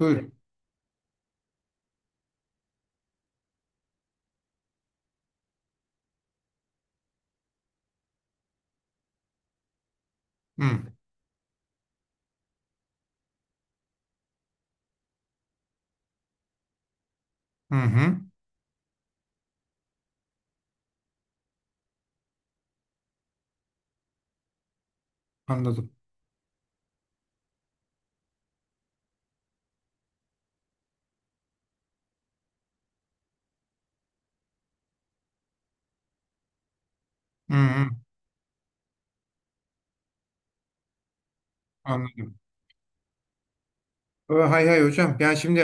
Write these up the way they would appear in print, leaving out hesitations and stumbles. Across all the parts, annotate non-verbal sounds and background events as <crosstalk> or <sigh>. Buyurun. Hı, hı, hı. Anladım. Hı, hı. Anladım. Hay hay hocam. Yani şimdi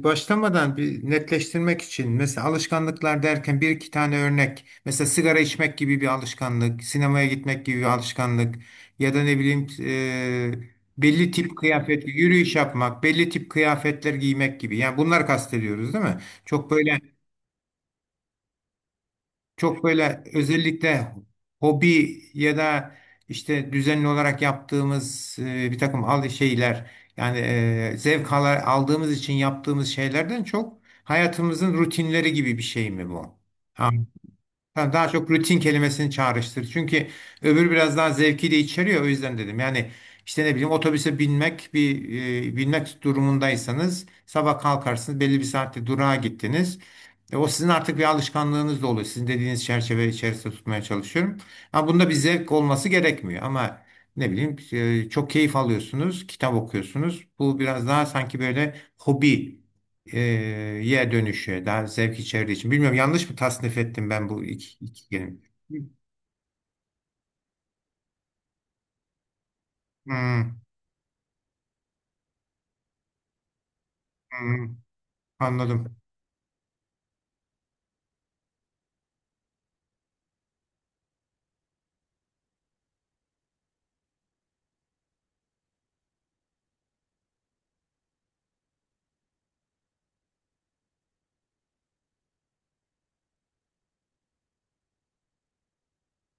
başlamadan bir netleştirmek için mesela alışkanlıklar derken bir iki tane örnek. Mesela sigara içmek gibi bir alışkanlık, sinemaya gitmek gibi bir alışkanlık ya da ne bileyim belli tip kıyafet, yürüyüş yapmak, belli tip kıyafetler giymek gibi. Yani bunlar kastediyoruz değil mi? Çok böyle Çok böyle özellikle hobi ya da işte düzenli olarak yaptığımız bir takım al şeyler yani zevk ala- aldığımız için yaptığımız şeylerden çok hayatımızın rutinleri gibi bir şey mi bu? Ha, daha çok rutin kelimesini çağrıştır. Çünkü öbür biraz daha zevki de içeriyor. O yüzden dedim. Yani işte ne bileyim otobüse binmek bir binmek durumundaysanız sabah kalkarsınız belli bir saatte durağa gittiniz. E, o sizin artık bir alışkanlığınız da oluyor. Sizin dediğiniz çerçeve içerisinde tutmaya çalışıyorum. Ama bunda bir zevk olması gerekmiyor. Ama ne bileyim çok keyif alıyorsunuz, kitap okuyorsunuz. Bu biraz daha sanki böyle hobi e, ye dönüşü daha zevk içerdiği için. Bilmiyorum yanlış mı tasnif ettim ben bu iki, iki kelime? Hmm, hmm, anladım.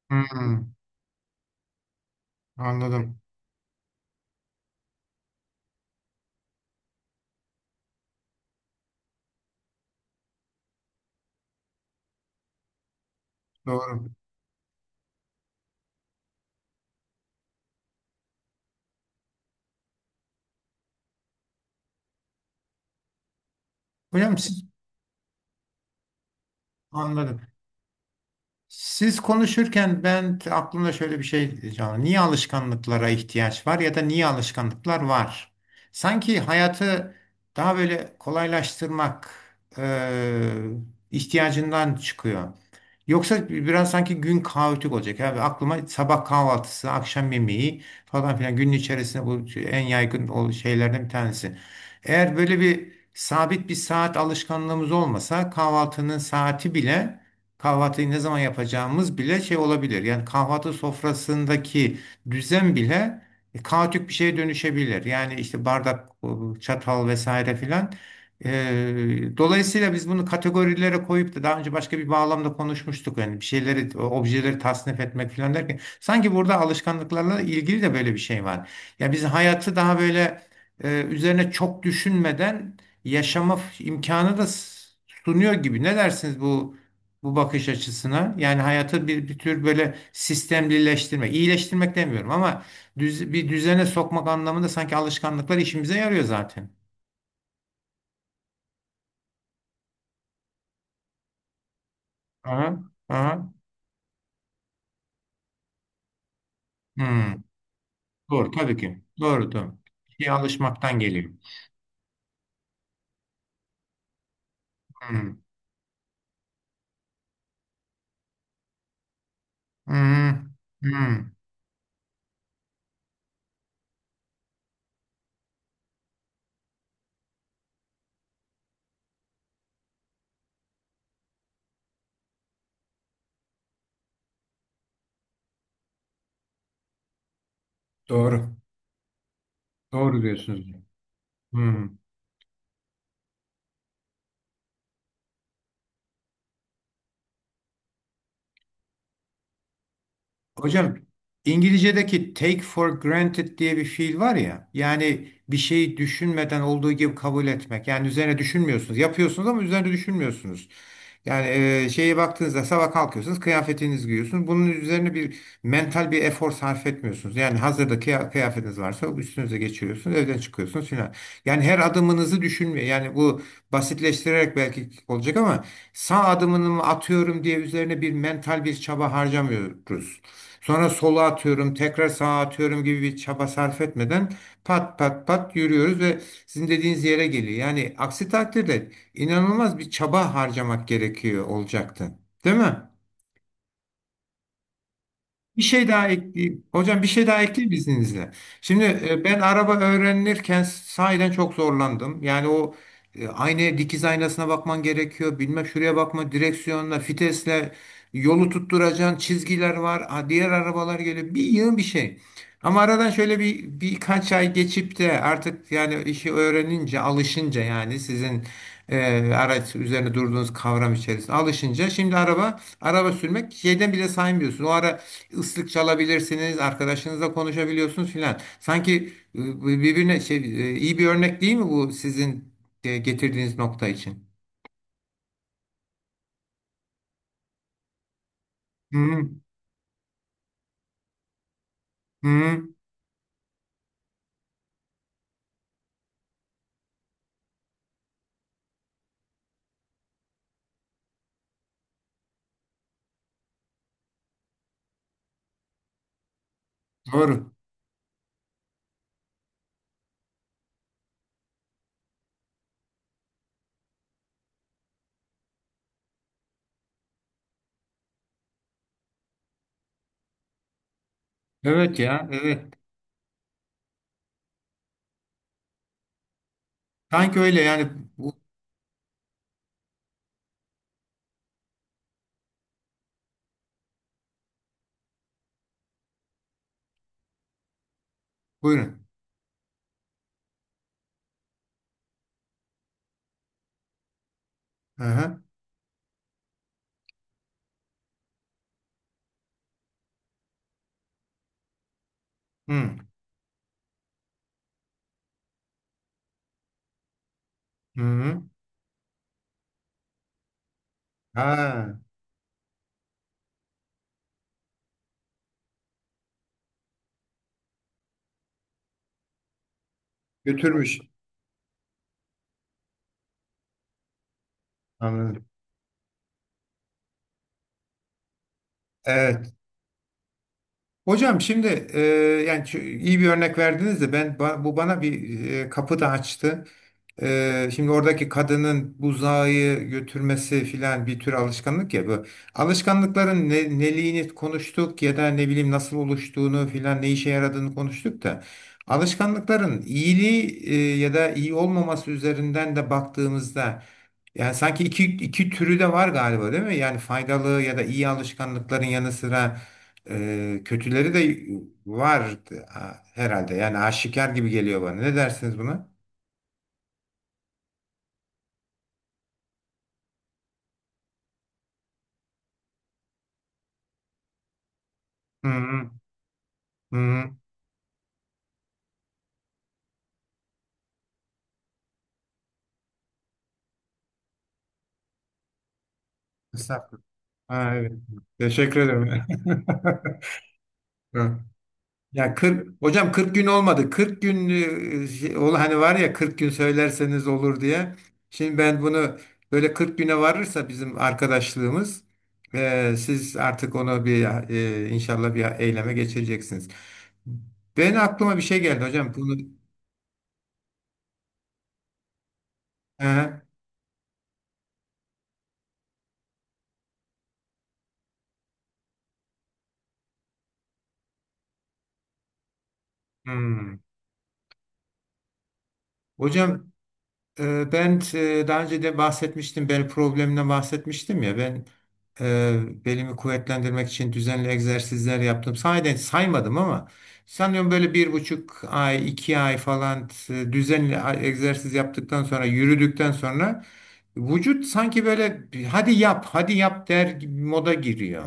Hmm, anladım. Doğru. Hocam siz anladım. Siz konuşurken ben aklımda şöyle bir şey canlı. Niye alışkanlıklara ihtiyaç var ya da niye alışkanlıklar var? Sanki hayatı daha böyle kolaylaştırmak e, ihtiyacından çıkıyor. Yoksa biraz sanki gün kaotik olacak. Abi aklıma sabah kahvaltısı, akşam yemeği falan filan günün içerisinde bu en yaygın şeylerden bir tanesi. Eğer böyle bir sabit bir saat alışkanlığımız olmasa kahvaltının saati bile kahvaltıyı ne zaman yapacağımız bile şey olabilir. Yani kahvaltı sofrasındaki düzen bile kaotik bir şeye dönüşebilir. Yani işte bardak, çatal vesaire filan. E, dolayısıyla biz bunu kategorilere koyup da daha önce başka bir bağlamda konuşmuştuk. Yani bir şeyleri, objeleri tasnif etmek filan derken sanki burada alışkanlıklarla ilgili de böyle bir şey var. Yani biz hayatı daha böyle üzerine çok düşünmeden yaşama imkanı da sunuyor gibi. Ne dersiniz bu bakış açısına. Yani hayatı bir, bir tür böyle sistemlileştirmek, iyileştirmek demiyorum ama bir düzene sokmak anlamında sanki alışkanlıklar işimize yarıyor zaten. Aha, aha. Hmm. Doğru tabii ki. Doğru. Bir şeye alışmaktan geliyor. Hmm. Hmm. Hmm. Doğru. Doğru diyorsunuz. Hmm. Hocam İngilizce'deki take for granted diye bir fiil var ya yani bir şeyi düşünmeden olduğu gibi kabul etmek yani üzerine düşünmüyorsunuz yapıyorsunuz ama üzerine düşünmüyorsunuz. Yani şeye baktığınızda sabah kalkıyorsunuz kıyafetinizi giyiyorsunuz bunun üzerine bir mental bir efor sarf etmiyorsunuz. Yani hazırda kıya- kıyafetiniz varsa üstünüze geçiriyorsunuz evden çıkıyorsunuz filan. Yani her adımınızı düşünmüyor yani bu basitleştirerek belki olacak ama sağ adımını mı atıyorum diye üzerine bir mental bir çaba harcamıyoruz. Sonra sola atıyorum, tekrar sağa atıyorum gibi bir çaba sarf etmeden pat pat pat yürüyoruz ve sizin dediğiniz yere geliyor. Yani aksi takdirde inanılmaz bir çaba harcamak gerekiyor olacaktı. Değil mi? Bir şey daha ekleyeyim. Hocam bir şey daha ekleyeyim izninizle. Şimdi ben araba öğrenirken sahiden çok zorlandım. Yani o aynaya dikiz aynasına bakman gerekiyor. Bilmem şuraya bakma direksiyonla, fitesle yolu tutturacağın çizgiler var. Ha, diğer arabalar geliyor. Bir yığın bir şey. Ama aradan şöyle bir birkaç ay geçip de artık yani işi öğrenince, alışınca yani sizin araç üzerine durduğunuz kavram içerisinde alışınca şimdi araba sürmek şeyden bile saymıyorsun. O ara ıslık çalabilirsiniz, arkadaşınızla konuşabiliyorsunuz filan. Sanki birbirine iyi bir örnek değil mi bu sizin getirdiğiniz nokta için? Hı hı. hı. Doğru. Evet ya, evet. Sanki öyle yani bu, buyurun. Hı hı. Hı hı. hı. Ha, götürmüş. Anladım. Evet. Hocam şimdi e, yani iyi bir örnek verdiniz de ben bu bana bir kapı da açtı. E, şimdi oradaki kadının buzağı götürmesi filan bir tür alışkanlık ya bu. Alışkanlıkların ne, neliğini konuştuk ya da ne bileyim nasıl oluştuğunu filan ne işe yaradığını konuştuk da alışkanlıkların iyiliği ya da iyi olmaması üzerinden de baktığımızda yani sanki iki, iki türü de var galiba değil mi? Yani faydalı ya da iyi alışkanlıkların yanı sıra kötüleri de var ha, herhalde. Yani aşikar gibi geliyor bana. Ne dersiniz buna? Hı hı. Hı hı. Estağfurullah. Ha, evet. Teşekkür ederim. <laughs> Hı. Ya 40 hocam 40 gün olmadı. 40 gün ol hani var ya 40 gün söylerseniz olur diye. Şimdi ben bunu böyle 40 güne varırsa bizim arkadaşlığımız siz artık onu bir inşallah bir eyleme geçireceksiniz. Ben aklıma bir şey geldi hocam. Hı hı. Hmm. Hocam ben daha önce de bahsetmiştim, benim problemimden bahsetmiştim ya ben belimi kuvvetlendirmek için düzenli egzersizler yaptım. Sahiden saymadım ama sanıyorum böyle bir buçuk ay, iki ay falan düzenli egzersiz yaptıktan sonra, yürüdükten sonra vücut sanki böyle bir, hadi yap, hadi yap der gibi moda giriyor.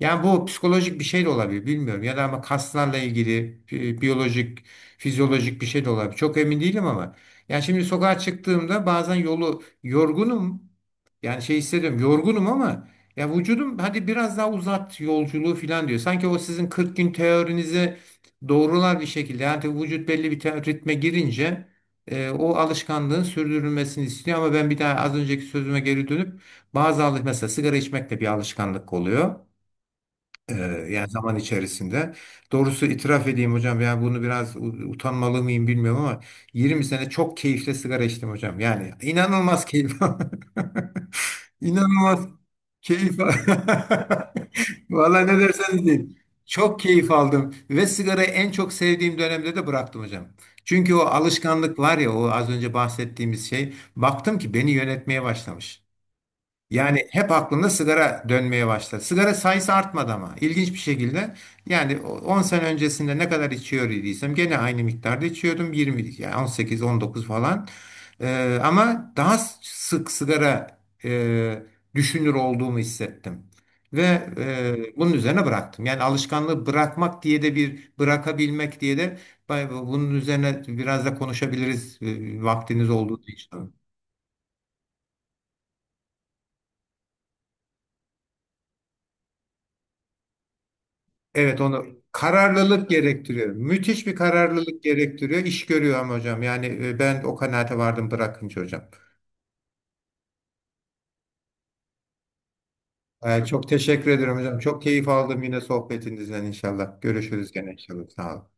Yani bu psikolojik bir şey de olabilir bilmiyorum ya da ama kaslarla ilgili biyolojik, fizyolojik bir şey de olabilir. Çok emin değilim ama. Yani şimdi sokağa çıktığımda bazen yolu yorgunum. Yani şey hissediyorum yorgunum ama ya vücudum hadi biraz daha uzat yolculuğu falan diyor. Sanki o sizin 40 gün teorinize doğrular bir şekilde. Yani tabii vücut belli bir ritme girince o alışkanlığın sürdürülmesini istiyor. Ama ben bir daha az önceki sözüme geri dönüp bazı alış mesela sigara içmek de bir alışkanlık oluyor. Ee, yani zaman içerisinde. Doğrusu itiraf edeyim hocam yani bunu biraz utanmalı mıyım bilmiyorum ama 20 sene çok keyifle sigara içtim hocam. Yani inanılmaz keyif. <laughs> İnanılmaz keyif. <laughs> Vallahi ne derseniz deyin. Çok keyif aldım ve sigarayı en çok sevdiğim dönemde de bıraktım hocam. Çünkü o alışkanlık var ya o az önce bahsettiğimiz şey baktım ki beni yönetmeye başlamış. Yani hep aklımda sigara dönmeye başladı. Sigara sayısı artmadı ama ilginç bir şekilde yani 10 sene öncesinde ne kadar içiyor idiysem gene aynı miktarda içiyordum 20 yani 18 19 falan. Ama daha sık sigara e, düşünür olduğumu hissettim. Ve bunun üzerine bıraktım. Yani alışkanlığı bırakmak diye de bir bırakabilmek diye de bunun üzerine biraz da konuşabiliriz vaktiniz olduğu için. Evet onu kararlılık gerektiriyor. Müthiş bir kararlılık gerektiriyor. İş görüyor ama hocam. Yani ben o kanaate vardım bırakınca hocam. E, çok teşekkür ederim hocam. Çok keyif aldım yine sohbetinizden inşallah. Görüşürüz gene inşallah. Sağ olun.